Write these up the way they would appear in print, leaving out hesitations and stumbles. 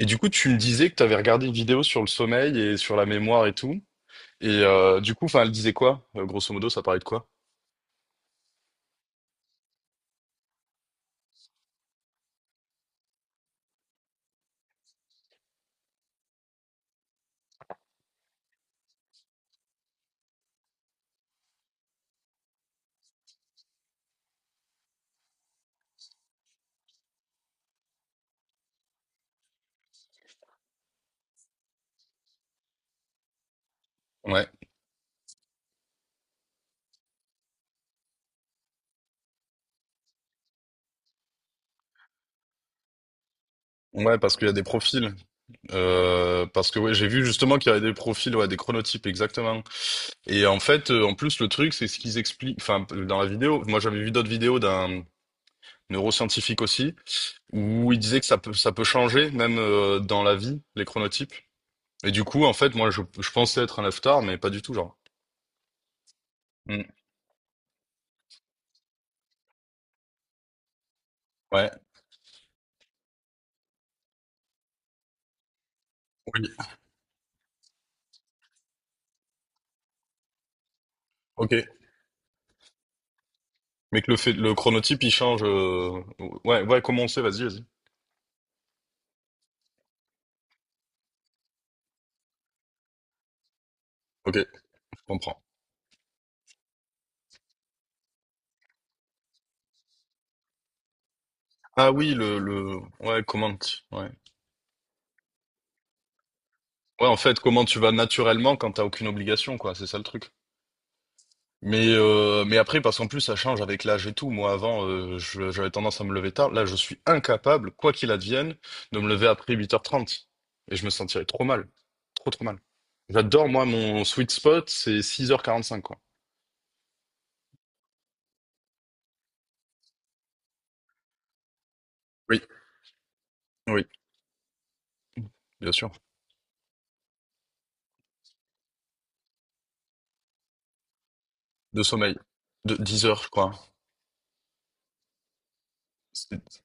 Et du coup, tu me disais que tu avais regardé une vidéo sur le sommeil et sur la mémoire et tout. Et du coup, enfin, elle disait quoi? Grosso modo, ça parlait de quoi? Ouais. Ouais, parce qu'il y a des profils. Parce que ouais, j'ai vu justement qu'il y avait des profils, ouais, des chronotypes, exactement. Et en fait, en plus, le truc, c'est ce qu'ils expliquent. Enfin, dans la vidéo, moi j'avais vu d'autres vidéos d'un neuroscientifique aussi, où il disait que ça peut changer, même dans la vie, les chronotypes. Et du coup, en fait, moi, je pensais être un leftar, mais pas du tout, genre. Mm. Ouais. Oui. Ok. Mais que le fait, le chronotype, il change. Ouais, ouais, comment on sait? Vas-y, vas-y. Ok, je comprends. Ah oui, ouais, comment, ouais. Ouais, en fait, comment tu vas naturellement quand t'as aucune obligation, quoi. C'est ça le truc. Mais après, parce qu'en plus, ça change avec l'âge et tout. Moi, avant, j'avais tendance à me lever tard. Là, je suis incapable, quoi qu'il advienne, de me lever après 8h30. Et je me sentirais trop mal. Trop, trop mal. J'adore, moi, mon sweet spot, c'est 6h45 quoi. Oui, oui, bien sûr. De sommeil. De 10 heures, je crois. C'est-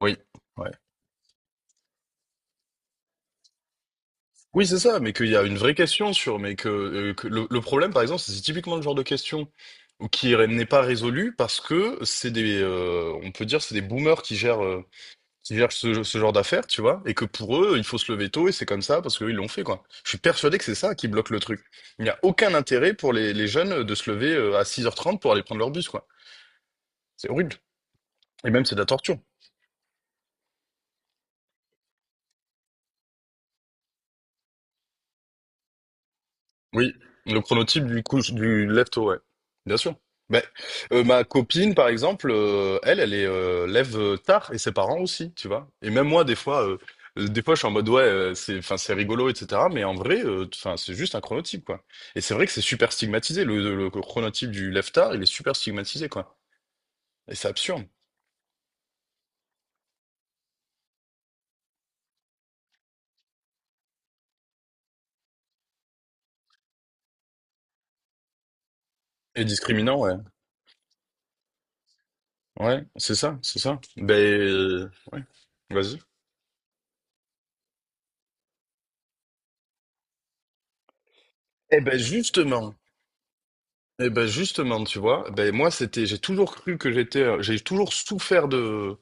Oui, ouais. Oui, c'est ça, mais qu'il y a une vraie question sur, mais que le problème, par exemple, c'est typiquement le genre de question n'est pas résolue parce que c'est des, on peut dire, c'est des boomers qui gèrent, ce genre d'affaires, tu vois, et que pour eux, il faut se lever tôt et c'est comme ça parce qu'eux, ils l'ont fait, quoi. Je suis persuadé que c'est ça qui bloque le truc. Il n'y a aucun intérêt pour les jeunes de se lever à 6h30 pour aller prendre leur bus, quoi. C'est horrible. Et même, c'est de la torture. Oui, le chronotype du couche du lève-tôt, ouais. Bien sûr. Mais, ma copine, par exemple, elle est lève tard et ses parents aussi, tu vois. Et même moi, je suis en mode ouais, enfin, c'est rigolo, etc. Mais en vrai, enfin, c'est juste un chronotype, quoi. Et c'est vrai que c'est super stigmatisé. Le chronotype du lève tard, il est super stigmatisé, quoi. Et c'est absurde. Et discriminant, ouais. Ouais, c'est ça, c'est ça. Ben, ouais. Vas-y. Eh ben, justement. Eh ben justement, tu vois, ben moi c'était, j'ai toujours cru que j'étais, j'ai toujours souffert de,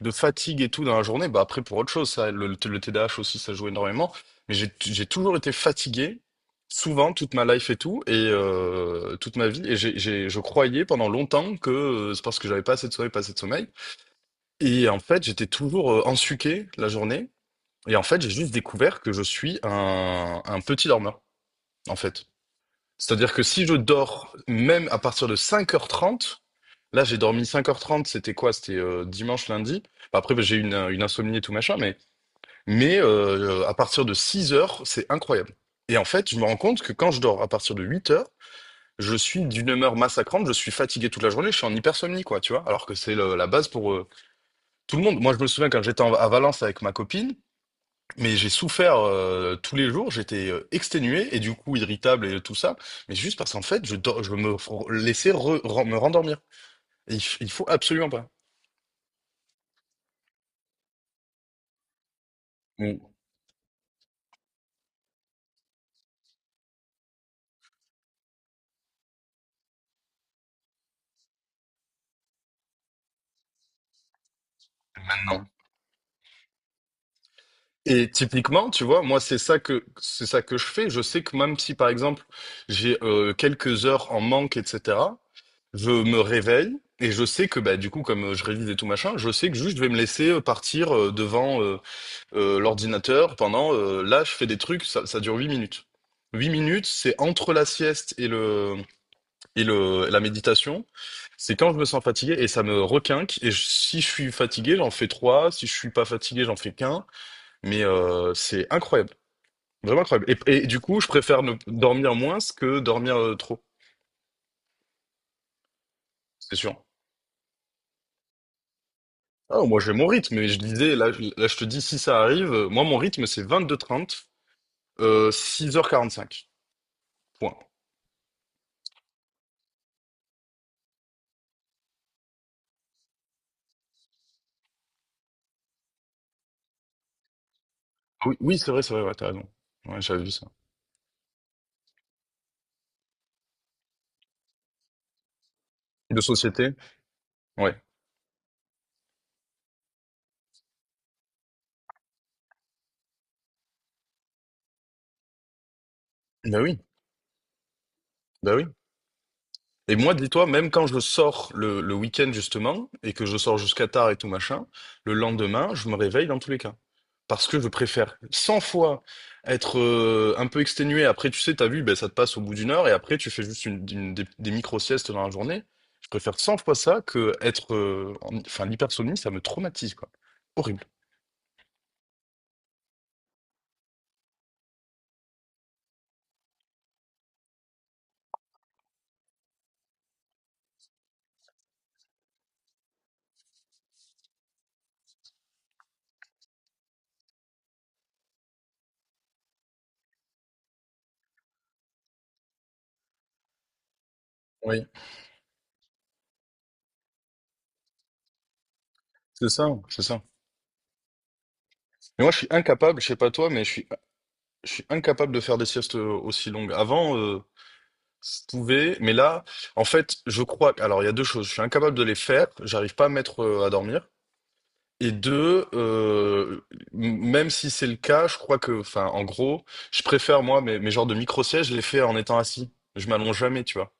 de fatigue et tout dans la journée. Bah après pour autre chose, ça, le TDAH aussi ça joue énormément, mais j'ai toujours été fatigué, souvent toute ma life et tout et toute ma vie. Et je croyais pendant longtemps que c'est parce que j'avais pas assez de sommeil, pas assez de sommeil. Et en fait j'étais toujours ensuqué la journée. Et en fait j'ai juste découvert que je suis un petit dormeur en fait. C'est-à-dire que si je dors même à partir de 5h30, là j'ai dormi 5h30, c'était quoi? C'était dimanche, lundi. Bah, après, bah, j'ai eu une insomnie et tout machin, mais, à partir de 6 heures c'est incroyable. Et en fait, je me rends compte que quand je dors à partir de 8 heures, je suis d'une humeur massacrante, je suis fatigué toute la journée, je suis en hypersomnie, quoi, tu vois, alors que c'est la base pour tout le monde. Moi, je me souviens quand j'étais à Valence avec ma copine, mais j'ai souffert tous les jours, j'étais exténué et du coup irritable et tout ça, mais juste parce qu'en fait, je, dor- je me f- laissais me rendormir. Et il faut absolument pas. Ou maintenant. Et typiquement, tu vois, moi c'est ça que je fais. Je sais que même si par exemple j'ai quelques heures en manque, etc., je me réveille et je sais que bah du coup comme je révise et tout machin, je sais que juste je vais me laisser partir devant l'ordinateur pendant là je fais des trucs ça dure 8 minutes. 8 minutes, c'est entre la sieste et le la méditation. C'est quand je me sens fatigué et ça me requinque et si je suis fatigué, j'en fais 3 si je suis pas fatigué, j'en fais qu'un mais c'est incroyable. Vraiment incroyable. Et du coup, je préfère ne dormir moins que dormir trop, c'est sûr. Ah, moi j'ai mon rythme, mais je disais, là, là je te dis si ça arrive, moi mon rythme c'est vingt-deux h 30, 6h45 point. Oui, oui, c'est vrai, ouais, tu raison. Ouais, j'avais vu ça. De société? Ouais. Bah oui, bah oui. Et moi, dis-toi, même quand je sors le week-end, justement, et que je sors jusqu'à tard et tout machin, le lendemain, je me réveille dans tous les cas. Parce que je préfère 100 fois être un peu exténué. Après, tu sais, t'as vu, ben, ça te passe au bout d'une heure, et après, tu fais juste des micro-siestes dans la journée. Je préfère 100 fois ça que être enfin, l'hypersomnie, ça me traumatise, quoi. Horrible. Oui, c'est ça, c'est ça. Mais moi, je suis incapable, je sais pas toi, Je suis incapable de faire des siestes aussi longues. Avant, je pouvais, mais là, en fait, je crois que. Alors, il y a deux choses. Je suis incapable de les faire, j'arrive pas à me mettre à dormir. Et deux, même si c'est le cas, je crois que, enfin, en gros, je préfère, moi, mes genres de micro-sièges, je les fais en étant assis. Je m'allonge jamais, tu vois.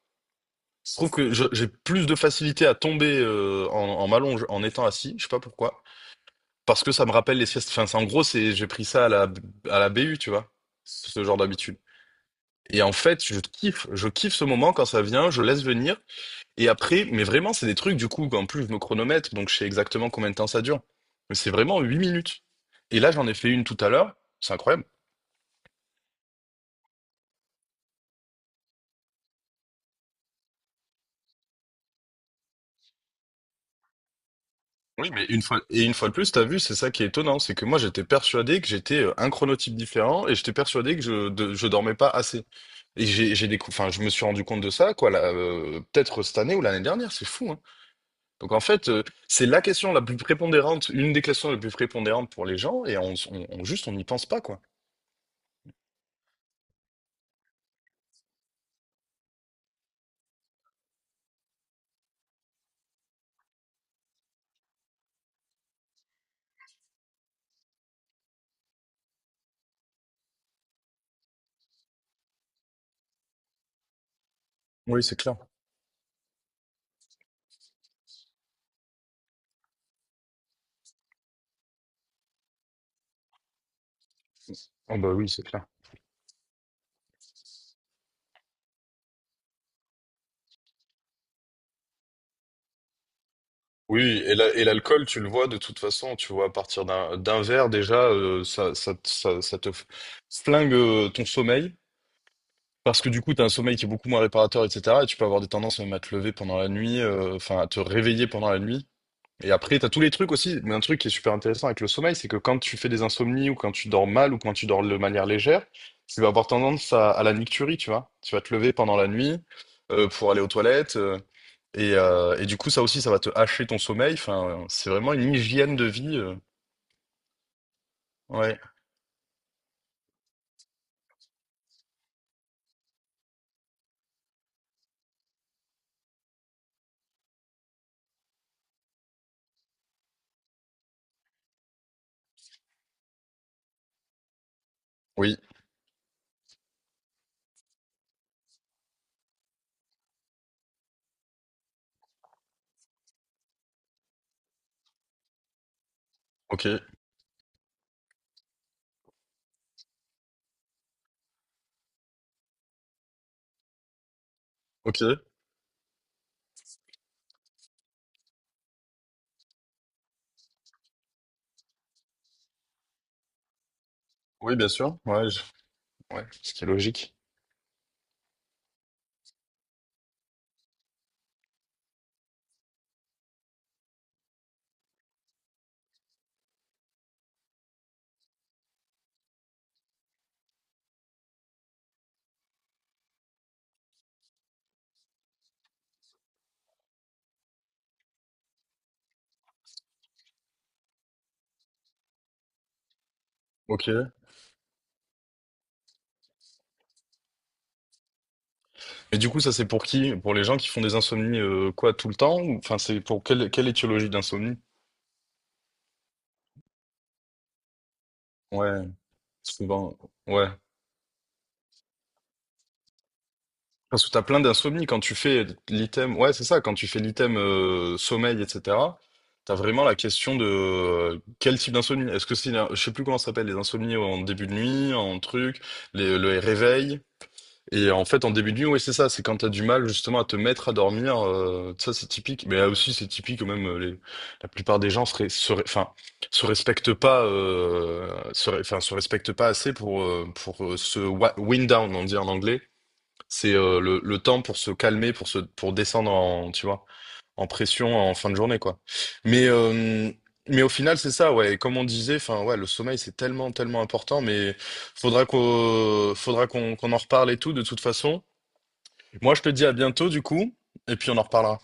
Je trouve que j'ai plus de facilité à tomber en, m'allonge en étant assis, je sais pas pourquoi. Parce que ça me rappelle les siestes. Enfin, en gros, j'ai pris ça à la BU, tu vois, ce genre d'habitude. Et en fait, je kiffe ce moment quand ça vient, je laisse venir. Et après, mais vraiment, c'est des trucs du coup, en plus, je me chronomètre, donc je sais exactement combien de temps ça dure. Mais c'est vraiment 8 minutes. Et là, j'en ai fait une tout à l'heure, c'est incroyable. Oui, mais une fois, et une fois de plus, t'as vu, c'est ça qui est étonnant, c'est que moi, j'étais persuadé que j'étais un chronotype différent et j'étais persuadé que je dormais pas assez. Enfin, je me suis rendu compte de ça, quoi, là, peut-être cette année ou l'année dernière, c'est fou, hein. Donc en fait, c'est la question la plus prépondérante, une des questions les plus prépondérantes pour les gens, et juste on n'y pense pas, quoi. Oui, c'est clair. Oh bah oui, c'est clair. Oui, et et l'alcool, tu le vois de toute façon, tu vois, à partir d'un verre déjà, ça te flingue ton sommeil, parce que du coup, tu as un sommeil qui est beaucoup moins réparateur, etc. Et tu peux avoir des tendances même à te lever pendant la nuit, enfin à te réveiller pendant la nuit. Et après, t'as tous les trucs aussi. Mais un truc qui est super intéressant avec le sommeil, c'est que quand tu fais des insomnies ou quand tu dors mal ou quand tu dors de manière légère, tu vas avoir tendance à la nicturie, tu vois. Tu vas te lever pendant la nuit pour aller aux toilettes. Et du coup, ça aussi, ça va te hacher ton sommeil. Enfin, c'est vraiment une hygiène de vie. Ouais. Oui. Ok. Ok. Oui, bien sûr. Ouais. Ouais. Ce qui est logique. Ok. Et du coup, ça, c'est pour qui? Pour les gens qui font des insomnies, quoi, tout le temps? Ou, enfin, c'est pour quelle, étiologie d'insomnie? Ouais, souvent, ouais. Parce que t'as plein d'insomnie quand tu fais l'item, ouais, c'est ça, quand tu fais l'item sommeil, etc., t'as vraiment la question de quel type d'insomnie. Est-ce que c'est, je sais plus comment ça s'appelle, les insomnies en début de nuit, en truc, le réveil. Et en fait, en début de nuit, oui, c'est ça, c'est quand t'as du mal justement à te mettre à dormir, ça c'est typique. Mais là aussi, c'est typique, même la plupart des gens enfin, se respectent pas, enfin, se respectent pas assez pour wind down, on dit en anglais. C'est le temps pour se calmer, pour descendre en, tu vois, en pression en fin de journée, quoi. Mais, euh, mais au final, c'est ça, ouais. Et comme on disait, enfin, ouais, le sommeil, c'est tellement, tellement important, mais faudra qu'on en reparle et tout, de toute façon. Moi, je te dis à bientôt, du coup, et puis on en reparlera.